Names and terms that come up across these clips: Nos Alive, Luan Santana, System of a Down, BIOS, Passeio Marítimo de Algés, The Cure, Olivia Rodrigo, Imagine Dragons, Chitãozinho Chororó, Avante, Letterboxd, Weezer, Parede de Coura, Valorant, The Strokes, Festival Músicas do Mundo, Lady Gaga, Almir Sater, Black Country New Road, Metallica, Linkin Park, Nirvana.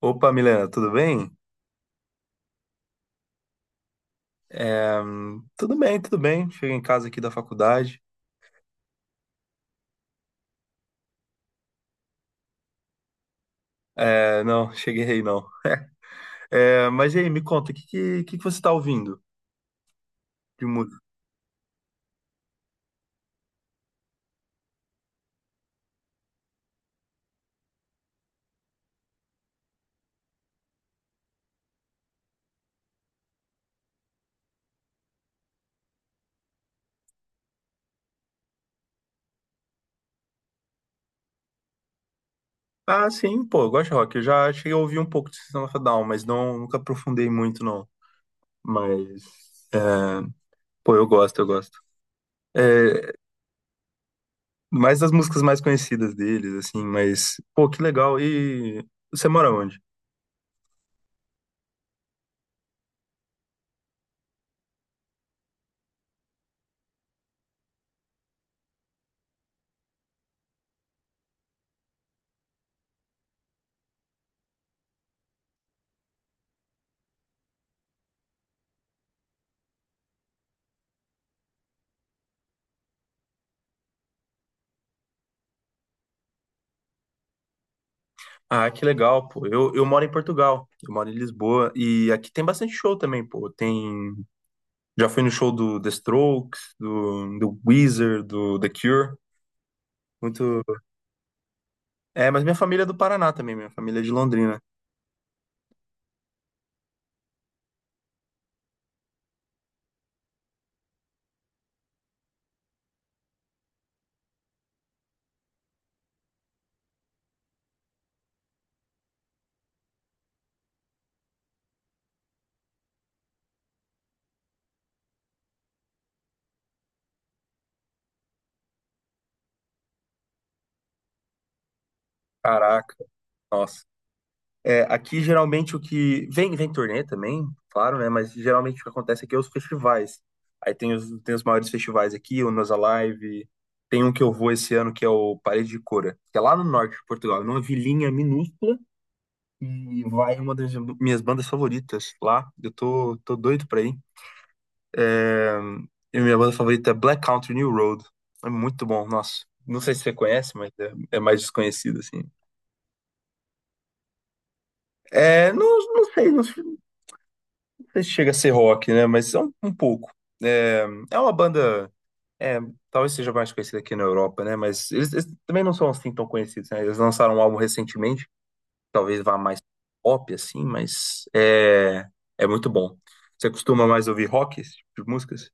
Opa, Milena, tudo bem? Tudo bem, tudo bem. Cheguei em casa aqui da faculdade. Não, cheguei aí não. Mas e aí, me conta, o que que você tá ouvindo de música? Ah, sim, pô, eu gosto de rock. Eu já cheguei a ouvir um pouco de System of a Down, mas não, nunca aprofundei muito, não. Mas, é, pô, eu gosto, eu gosto. É, Mais das músicas mais conhecidas deles, assim, mas, pô, que legal. E você mora onde? Ah, que legal, pô. Eu moro em Portugal, eu moro em Lisboa, e aqui tem bastante show também, pô. Tem. Já fui no show do The Strokes, do Weezer, do The Cure. Muito. Mas minha família é do Paraná também, minha família é de Londrina. Caraca, nossa. Aqui geralmente o que. Vem turnê também, claro, né? Mas geralmente o que acontece aqui é os festivais. Aí tem os maiores festivais aqui, o Nos Alive. Tem um que eu vou esse ano que é o Parede de Cora, que é lá no norte de Portugal, numa vilinha minúscula. E vai uma das minhas bandas favoritas lá. Eu tô doido pra ir. É, e minha banda favorita é Black Country New Road. É muito bom, nossa. Não sei se você conhece, mas é mais desconhecido, assim. Não, não sei, sei se chega a ser rock, né? Mas é um pouco. É, É uma banda. É, Talvez seja mais conhecida aqui na Europa, né? Mas eles também não são assim tão conhecidos, né? Eles lançaram um álbum recentemente, talvez vá mais pop, assim, mas é muito bom. Você costuma mais ouvir rock, esse tipo de músicas?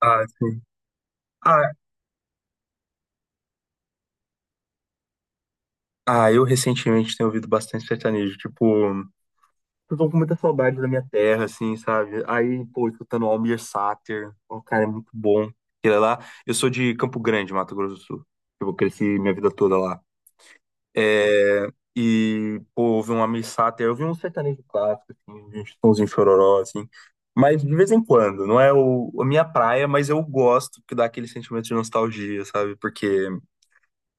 Ah, sim. Ah, Ah, eu recentemente tenho ouvido bastante sertanejo, tipo, eu tô com muita saudade da minha terra, assim, sabe? Aí, pô, escutando Almir Sater, o cara é muito bom. Ele é lá, eu sou de Campo Grande, Mato Grosso do Sul. Eu cresci minha vida toda lá. É, e, pô, ouvi um Almir Sater, eu vi um sertanejo clássico, assim, de um Chitãozinho Chororó, assim. Mas de vez em quando, não é a minha praia, mas eu gosto que dá aquele sentimento de nostalgia, sabe? Porque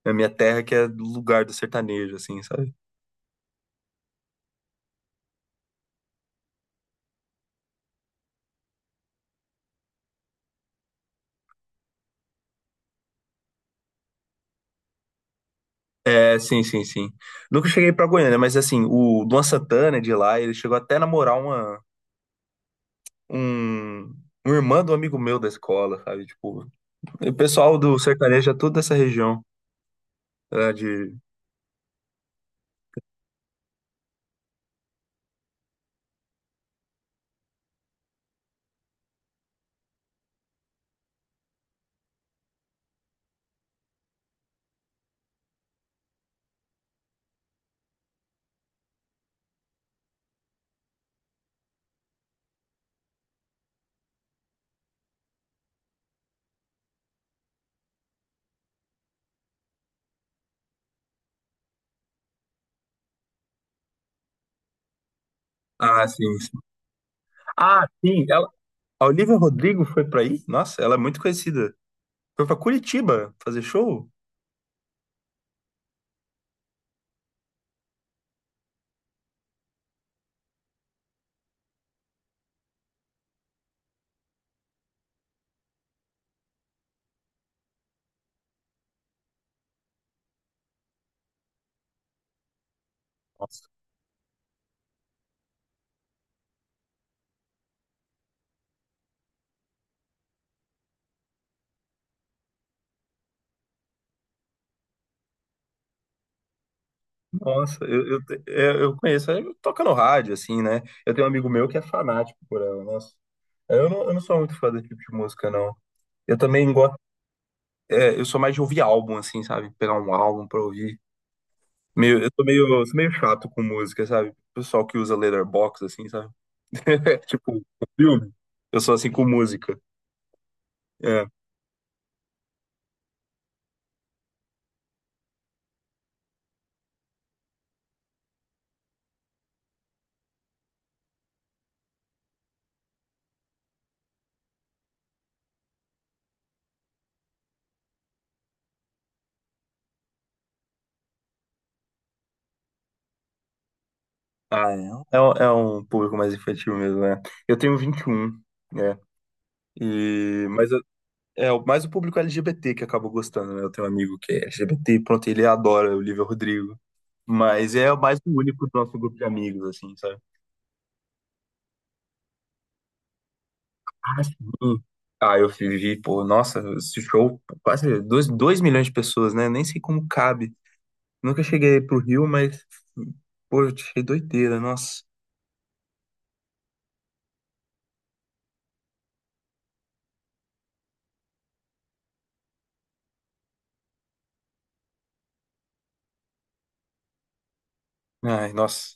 é a minha terra que é o lugar do sertanejo, assim, sabe? É, sim, sim, sim. Nunca cheguei pra Goiânia, né, mas assim, o Luan Santana é de lá, ele chegou até a namorar um, um irmã do amigo meu da escola, sabe? Tipo, o pessoal do sertanejo é tudo dessa região, é, de... Ah, sim, sim. Ah, sim, A Olivia Rodrigo foi pra aí? Nossa, ela é muito conhecida. Foi pra Curitiba fazer show? Nossa, nossa, eu conheço, eu toca no rádio, assim, né? Eu tenho um amigo meu que é fanático por ela, nossa. Eu não sou muito fã desse tipo de música, não. Eu também. Eu sou mais de ouvir álbum, assim, sabe? Pegar um álbum pra ouvir. Eu sou meio chato com música, sabe? O pessoal que usa Letterboxd, assim, sabe? Tipo, com filme. Eu sou assim com música. É. Um é um público mais infantil mesmo, né? Eu tenho 21, né? E, mais o público LGBT que acabou gostando, né? Eu tenho um amigo que é LGBT, pronto, ele adora o Olivia Rodrigo. Mas é mais o único do nosso grupo de amigos, assim, sabe? Ah, sim. Ah, eu vivi, pô, nossa, esse show, quase milhões de pessoas, né? Nem sei como cabe. Nunca cheguei pro Rio, mas, pô, eu achei doideira, nossa. Ai, nossa.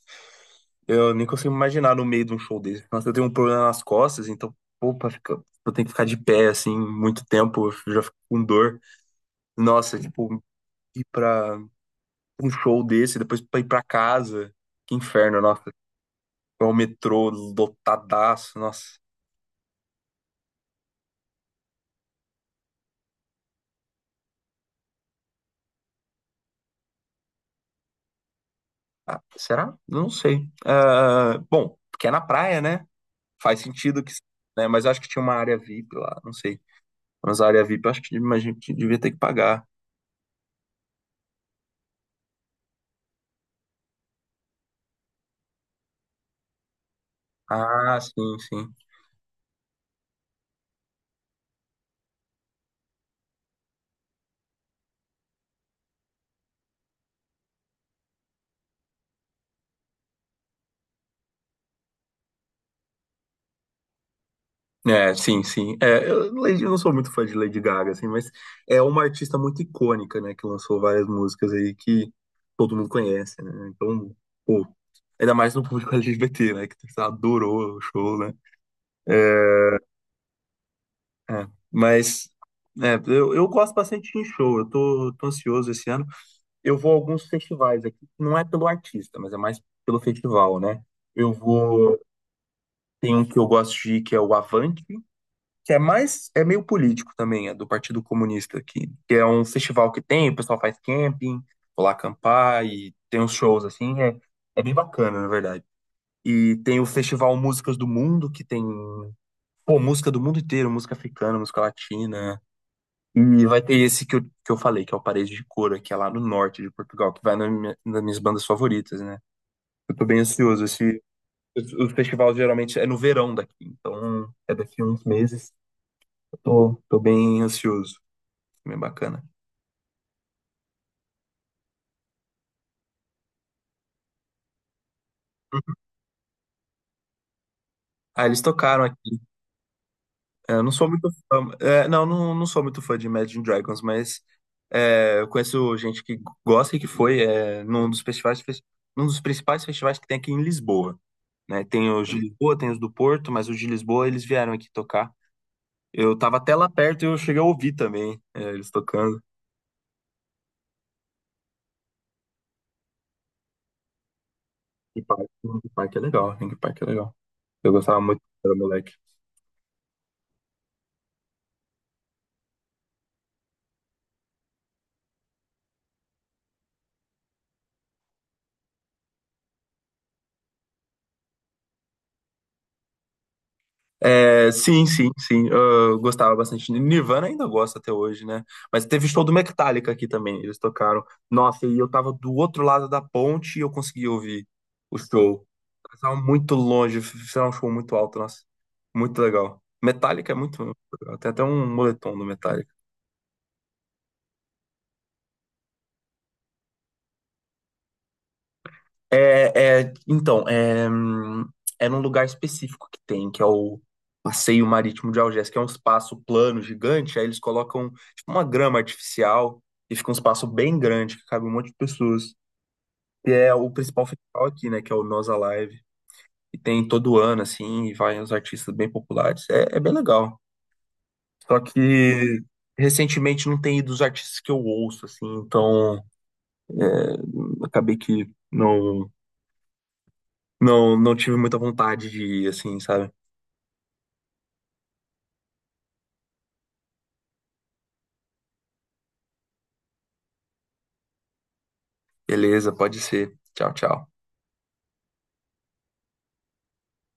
Eu nem consigo imaginar no meio de um show desse. Nossa, eu tenho um problema nas costas, então, pô, eu tenho que ficar de pé, assim, muito tempo, eu já fico com dor. Nossa, tipo, ir pra um show desse, depois pra ir pra casa, que inferno, nossa. É o metrô lotadaço, nossa. Ah, será? Eu não sei. Ah, bom, porque é na praia, né? Faz sentido que, né? Mas eu acho que tinha uma área VIP lá, não sei. Mas a área VIP, eu acho que a gente devia ter que pagar. Ah, sim, sim. É, sim, sim. Eu não sou muito fã de Lady Gaga, assim, mas é uma artista muito icônica, né? Que lançou várias músicas aí que todo mundo conhece, né? Então, pô, ainda mais no público LGBT, né? Que tipo, adorou o show, né? É, É, mas eu gosto bastante de ir em show, eu tô ansioso esse ano. Eu vou a alguns festivais aqui, não é pelo artista, mas é mais pelo festival, né? Eu vou. Tem um que eu gosto de ir, que é o Avante, que é mais, é meio político também, é do Partido Comunista aqui, que é um festival que tem, o pessoal faz camping, vou lá acampar e tem uns shows assim, é bem bacana, na verdade. E tem o Festival Músicas do Mundo, que tem, pô, música do mundo inteiro, música africana, música latina. E vai ter esse que que eu falei, que é o Parede de Coura, que é lá no norte de Portugal, que vai nas minhas bandas favoritas, né? Eu tô bem ansioso. Esse, o festival geralmente é no verão daqui, então é daqui a uns meses. Eu tô bem ansioso, bem bacana. Ah, eles tocaram aqui. Eu não sou muito fã, não, não, não sou muito fã de Imagine Dragons, mas eu conheço gente que gosta e que foi, num dos festivais, num dos principais festivais que tem aqui em Lisboa. Né? Tem os de Lisboa, tem os do Porto, mas os de Lisboa eles vieram aqui tocar. Eu tava até lá perto e eu cheguei a ouvir também, eles tocando. Linkin Park, Linkin Park é legal, Linkin Park é legal. Eu gostava muito quando era moleque. É, sim, sim, sim. Eu gostava bastante. Nirvana ainda gosta até hoje, né? Mas teve show do Metallica aqui também. Eles tocaram. Nossa, e eu tava do outro lado da ponte e eu consegui ouvir o show. Eles estavam muito longe, fizeram um show muito alto, nossa. Muito legal. Metallica é muito, muito legal. Tem até um moletom do Metallica. Então, é num lugar específico que tem, que é o Passeio Marítimo de Algés, que é um espaço plano gigante, aí eles colocam tipo, uma grama artificial e fica um espaço bem grande que cabe um monte de pessoas. E é o principal festival aqui, né, que é o Nós Alive. E tem todo ano, assim, e vai uns artistas bem populares. É bem legal. Só que recentemente não tem ido os artistas que eu ouço, assim, então acabei que não, não, não tive muita vontade de ir, assim, sabe? Beleza, pode ser. Tchau, tchau.